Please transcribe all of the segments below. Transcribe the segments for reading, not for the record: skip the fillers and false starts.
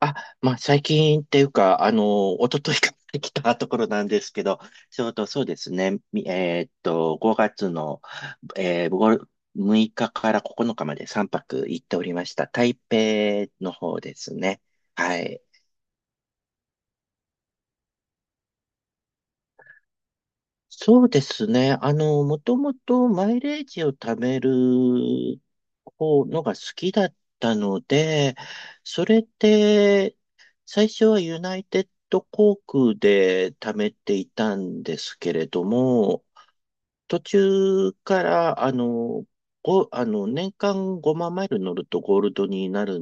あ、まあ、最近っていうか、一昨日から来たところなんですけど、ちょうどそうですね、みえーっと、5月の、6日から9日まで3泊行っておりました。台北の方ですね。はい。そうですね。もともとマイレージを貯める方のが好きだったので、それで、最初はユナイテッド航空で貯めていたんですけれども、途中から、あの、ご、あの、年間5万マイル乗るとゴールドになる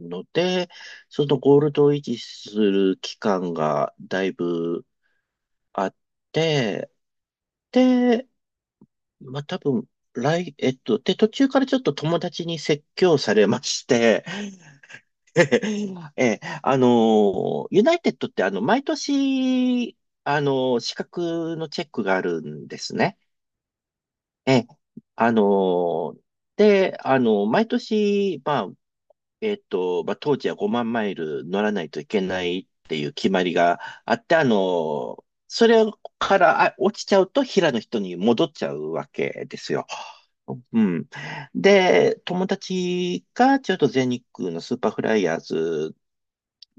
ので、そのゴールドを維持する期間がだいぶあって、で、まあ、多分、来、えっと、で、途中からちょっと友達に説教されまして、え、あの、ユナイテッドって毎年、資格のチェックがあるんですね。え、あの、で、毎年、まあ、まあ、当時は5万マイル乗らないといけないっていう決まりがあって、それから落ちちゃうと平の人に戻っちゃうわけですよ。うん。で、友達がちょっと全日空のスーパーフライヤーズ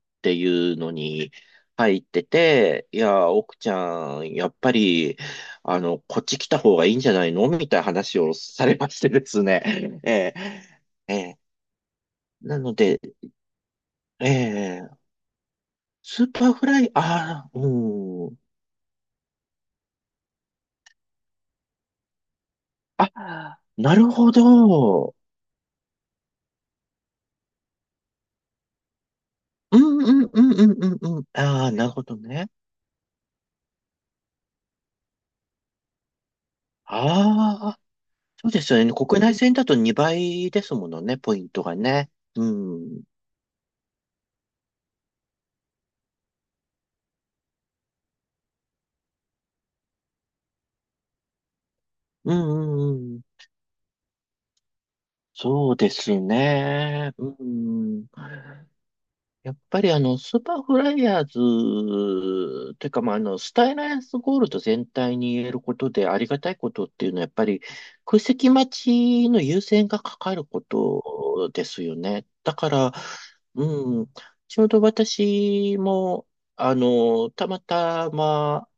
っていうのに入ってて、いや、奥ちゃん、やっぱり、こっち来た方がいいんじゃないのみたいな話をされましてですね。ええ、ええ、なので、ええ、スーパーフライ、ああ、うん。あ、なるほど。うんうんうんうんうんうん。ああ、なるほどね。あ、そうですよね。国内線だと2倍ですものね、ポイントがね。うん。うんうんうん。そうですね。うん。やっぱりスーパーフライヤーズ、てかまあ、スタイナースゴールド全体に言えることでありがたいことっていうのは、やっぱり空席待ちの優先がかかることですよね。だから、うん、ちょうど私も、あの、たまたま、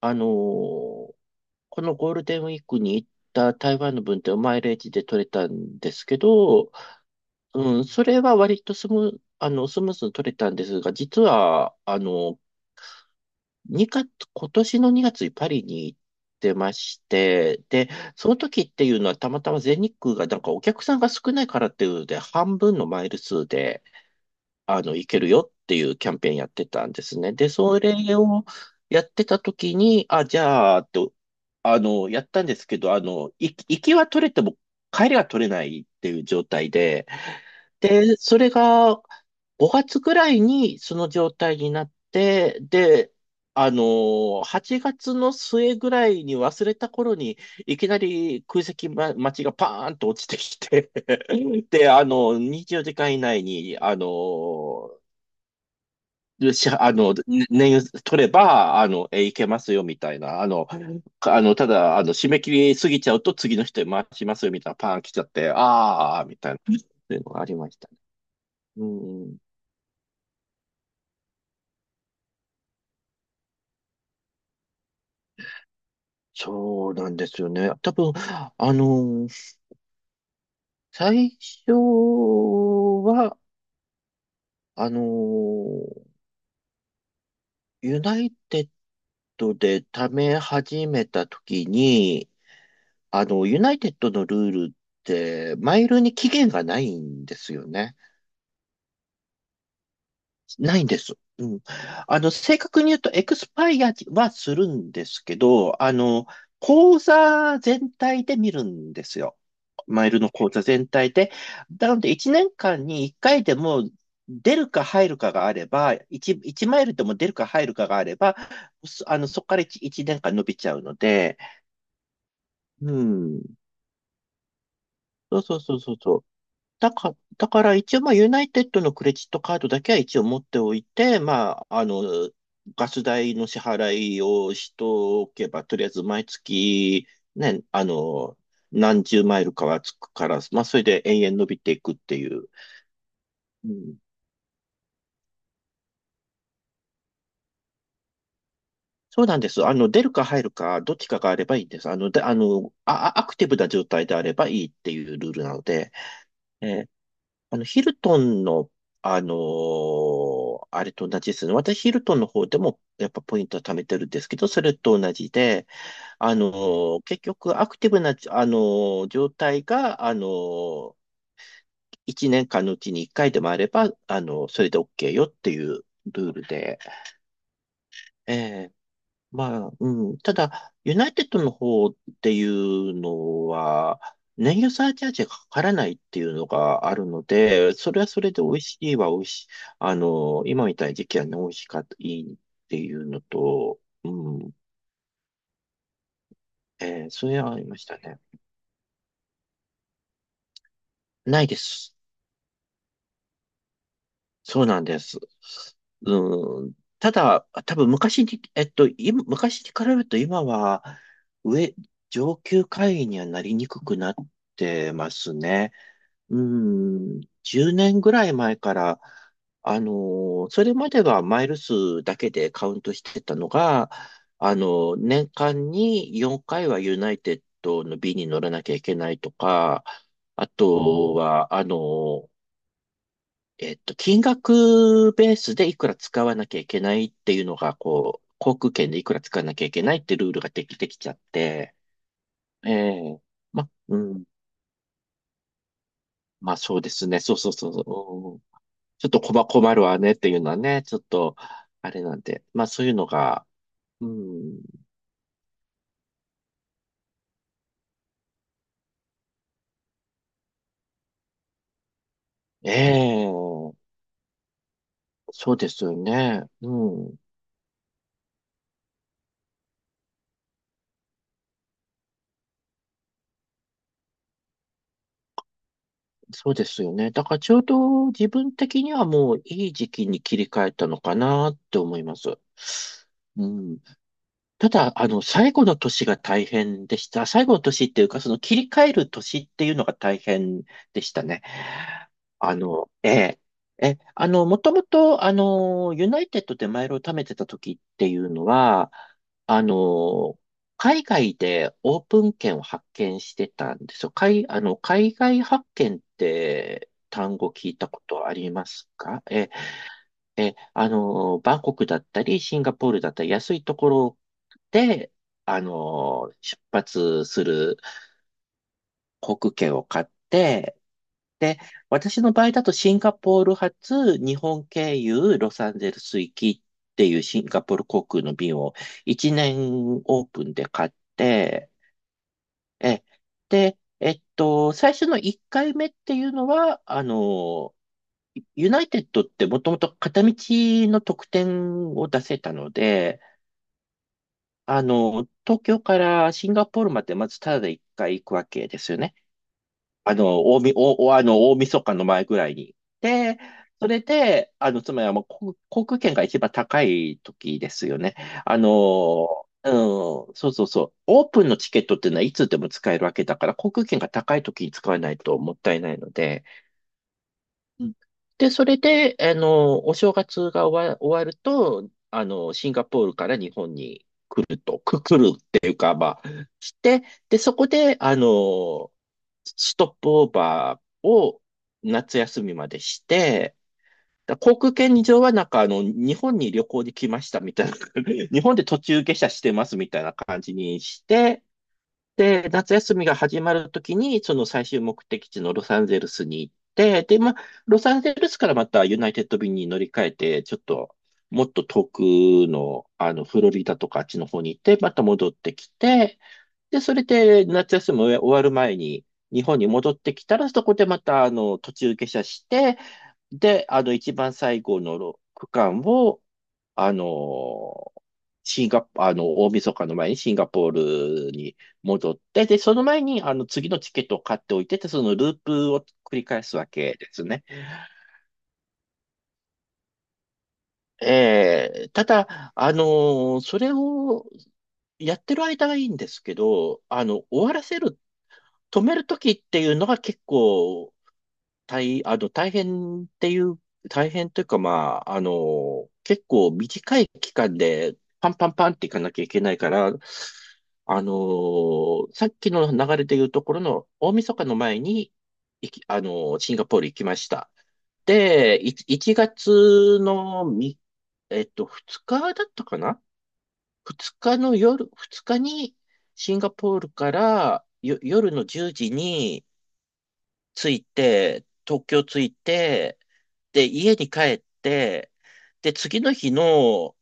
あのーこのゴールデンウィークに行った台湾の分ってマイレージで取れたんですけど、うん、それは割とスムーズに取れたんですが、実は、2月、今年の2月にパリに行ってまして、で、その時っていうのはたまたま全日空がなんかお客さんが少ないからっていうので、半分のマイル数で、いけるよっていうキャンペーンやってたんですね。で、それをやってた時に、あ、じゃあ、と、あの、やったんですけど、行きは取れても帰りは取れないっていう状態で、で、それが5月ぐらいにその状態になって、で、あの、8月の末ぐらいに忘れた頃にいきなり空席、待ちがパーンと落ちてきて で、24時間以内に、あの、しあの、ね年取れば、いけますよ、みたいな。あの、かあの、ただ、締め切り過ぎちゃうと次の人に回しますよ、みたいな、パーン来ちゃって、あー、みたいな、っていうのがありましたね。うん。そうなんですよね。多分、あの、最初は、あの、ユナイテッドで貯め始めた時に、ユナイテッドのルールって、マイルに期限がないんですよね。ないんです。うん。正確に言うと、エクスパイアはするんですけど、口座全体で見るんですよ。マイルの口座全体で。なので、1年間に1回でも出るか入るかがあれば、1、一マイルでも出るか入るかがあれば、そあの、そこから 1, 一年間伸びちゃうので、うん。そうそうそうそうそう。だから一応、まあ、ユナイテッドのクレジットカードだけは一応持っておいて、まあ、ガス代の支払いをしとおけば、とりあえず毎月、ね、何十マイルかはつくから、まあ、それで延々伸びていくっていう。うん、そうなんです。出るか入るか、どっちかがあればいいんです。で、アクティブな状態であればいいっていうルールなので、えーヒルトンの、あれと同じですね。私、ヒルトンの方でも、やっぱポイントは貯めてるんですけど、それと同じで、結局、アクティブな、状態が、1年間のうちに1回でもあれば、それで OK よっていうルールで、ええ、まあ、うん。ただ、ユナイテッドの方っていうのは、燃油サーチャージがかからないっていうのがあるので、それはそれで美味しいは美味しい。今みたいな時期はね、美味しかった、いいっていうのと、うん。それはありましたね。ないです。そうなんです。うん。ただ、多分昔に、今昔に比べると今は、上、上級会員にはなりにくくなってますね。うん、10年ぐらい前から、それまではマイル数だけでカウントしてたのが、あの年間に4回はユナイテッドの B に乗らなきゃいけないとか、あとは、金額ベースでいくら使わなきゃいけないっていうのが、こう、航空券でいくら使わなきゃいけないってルールができてきちゃって、ええ、うん、まあそうですね、そうそうそう、ちょっと困るわねっていうのはね、ちょっと、あれなんで。まあそういうのが、うん、ええ、そうですよね。うん、そうですよね。だからちょうど自分的にはもういい時期に切り替えたのかなって思います。うん、ただ、最後の年が大変でした。最後の年っていうか、その切り替える年っていうのが大変でしたね。ええ、もともと、ユナイテッドでマイルを貯めてた時っていうのは、あの、海外でオープン券を発見してたんですよ。海、あの、海外発見って単語聞いたことありますか？ええ、バンコクだったり、シンガポールだったり、安いところで、出発する航空券を買って、で、私の場合だとシンガポール発、日本経由、ロサンゼルス行きっていうシンガポール航空の便を1年オープンで買って、え、で、最初の1回目っていうのは、ユナイテッドってもともと片道の特典を出せたので、東京からシンガポールまでまずタダで一回行くわけですよね。あの、大み、お、おあの、大晦日の前ぐらいに。で、それで、つまりはもう航空券が一番高い時ですよね。あの、うん、そうそうそう。オープンのチケットっていうのはいつでも使えるわけだから、航空券が高い時に使わないともったいないので。うんで、それで、お正月が終わると、シンガポールから日本に来ると、く、来る、して、で、そこで、ストップオーバーを夏休みまでして、だから航空券上はなんか日本に旅行に来ましたみたいな、日本で途中下車してますみたいな感じにして、で、夏休みが始まるときに、その最終目的地のロサンゼルスに行って、で、まあ、ロサンゼルスからまたユナイテッド便に乗り換えて、ちょっと、もっと遠くの、フロリダとかあっちの方に行って、また戻ってきて、で、それで夏休み終わる前に日本に戻ってきたら、そこでまた、途中下車して、で、一番最後の区間を、あの、シンガポ、あの、大晦日の前にシンガポールに戻って、で、その前に、次のチケットを買っておいてて、そのループを繰り返すわけですね。ええ、ただ、それをやってる間はいいんですけど、あの、終わらせる、止めるときっていうのが結構大、あの、大変っていう、大変というか、まあ、結構短い期間でパンパンパンっていかなきゃいけないから、さっきの流れでいうところの大晦日の前に、いき、あの、シンガポール行きました。で、1月のみ、えっと、2日だったかな ?2 日の夜、2日にシンガポールから夜の10時に着いて、東京着いて、で、家に帰って、で、次の日の、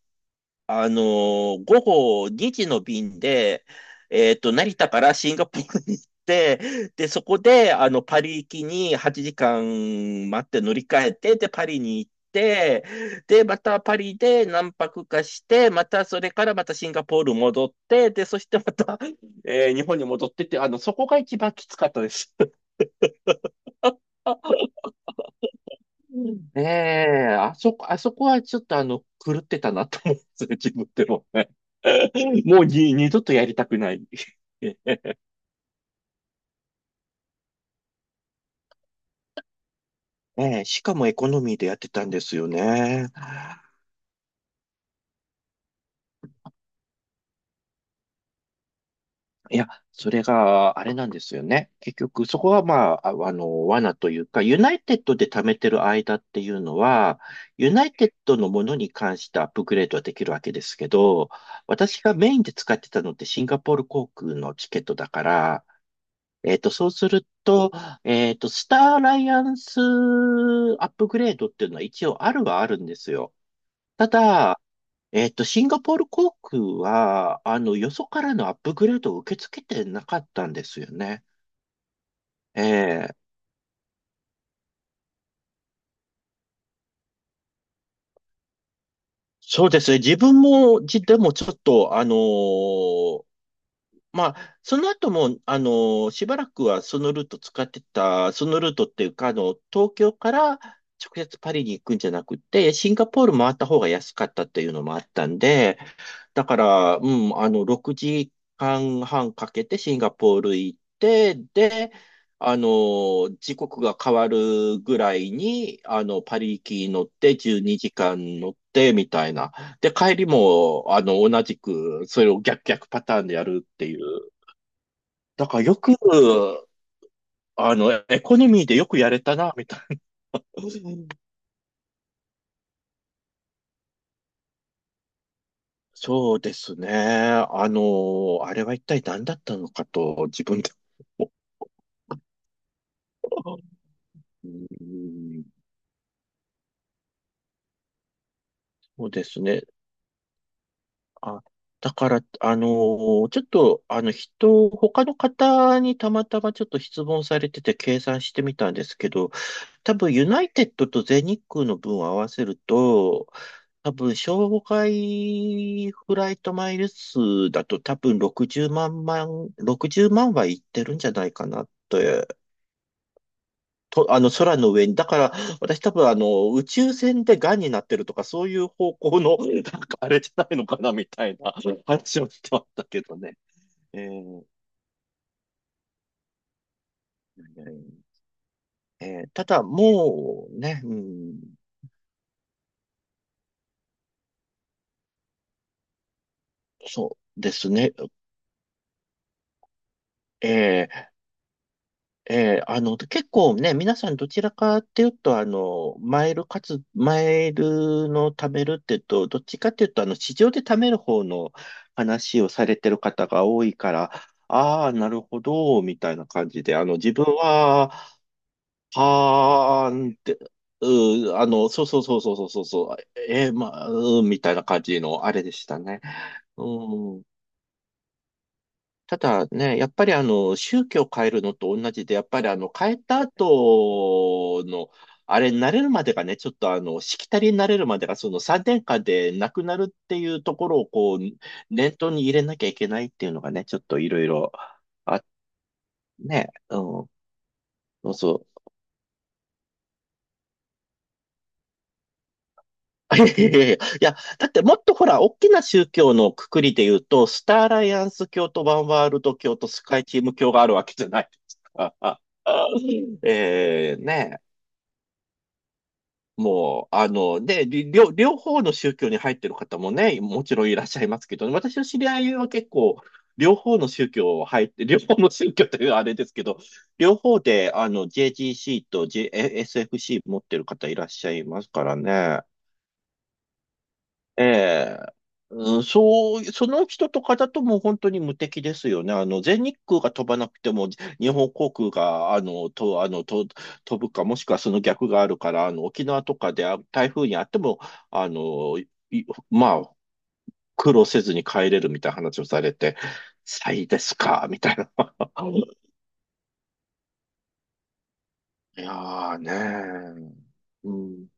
午後2時の便で、成田からシンガポールに行って、で、そこで、パリ行きに8時間待って乗り換えて、で、パリに行って、で、またパリで何泊かして、またそれからまたシンガポール戻って、で、そしてまた、日本に戻ってって、そこが一番きつかったです。うんえあそこはちょっと狂ってたなと思うんですね、自分でも。もう二度とやりたくない。ええ、しかもエコノミーでやってたんですよね。いや、それがあれなんですよね。結局、そこはまあ、罠というか、ユナイテッドで貯めてる間っていうのは、ユナイテッドのものに関してアップグレードはできるわけですけど、私がメインで使ってたのってシンガポール航空のチケットだから、そうすると、スターアライアンスアップグレードっていうのは一応あるはあるんですよ。ただ、シンガポール航空は、よそからのアップグレードを受け付けてなかったんですよね。ええ、そうですね。自分も、でもちょっと、まあ、その後も、しばらくはそのルート使ってた、そのルートっていうか、東京から直接パリに行くんじゃなくて、シンガポール回った方が安かったっていうのもあったんで、だから、うん、6時間半かけてシンガポール行って、で、時刻が変わるぐらいに、パリ行き乗って12時間乗ってみたいな。で、帰りも、同じく、それを逆パターンでやるっていう。だからよく、エコノミーでよくやれたな、みたいな。そうですね。あれは一体何だったのかと、自分でも。うん、そうですね。あ、だから、あの、ちょっと、あの、人、他の方にたまたまちょっと質問されてて計算してみたんですけど、多分ユナイテッドと全日空の分を合わせると、多分、障害フライトマイル数だと多分60万60万はいってるんじゃないかなって。と、空の上に。だから、私多分、宇宙船で癌になってるとか、そういう方向の、なんかあれじゃないのかな、みたいな話をしてましたけどね。えーただ、もうね、うん、そうですね。えー結構ね、皆さんどちらかっていうと、マイルの貯めるっていうと、どっちかっていうと、市場で貯める方の話をされてる方が多いから、ああ、なるほど、みたいな感じで、自分は、はーんって、うー、あの、そうそうそうそうそうそう、そうまあ、うーん、みたいな感じの、あれでしたね。うん。ただね、やっぱり宗教を変えるのと同じで、やっぱり変えた後の、あれになれるまでがね、ちょっとしきたりになれるまでが、その3年間でなくなるっていうところをこう、念頭に入れなきゃいけないっていうのがね、ちょっといろいろ、あ、ね、うん、そう。いや、だってもっとほら、大きな宗教のくくりで言うと、スターアライアンス教とワンワールド教とスカイチーム教があるわけじゃないですか。えーねもう、あの、で、り両、両方の宗教に入ってる方もね、もちろんいらっしゃいますけどね、私の知り合いは結構、両方の宗教を入って、両方の宗教というあれですけど、両方で、JGC と JSFC 持ってる方いらっしゃいますからね。ええ、うん、そう、その人とかだともう本当に無敵ですよね。全日空が飛ばなくても、日本航空が、あの、と、あの、と、飛ぶか、もしくはその逆があるから、沖縄とかで台風にあっても、あの、いまあ、苦労せずに帰れるみたいな話をされて、最ですか、みたいな。いやーねー、うん。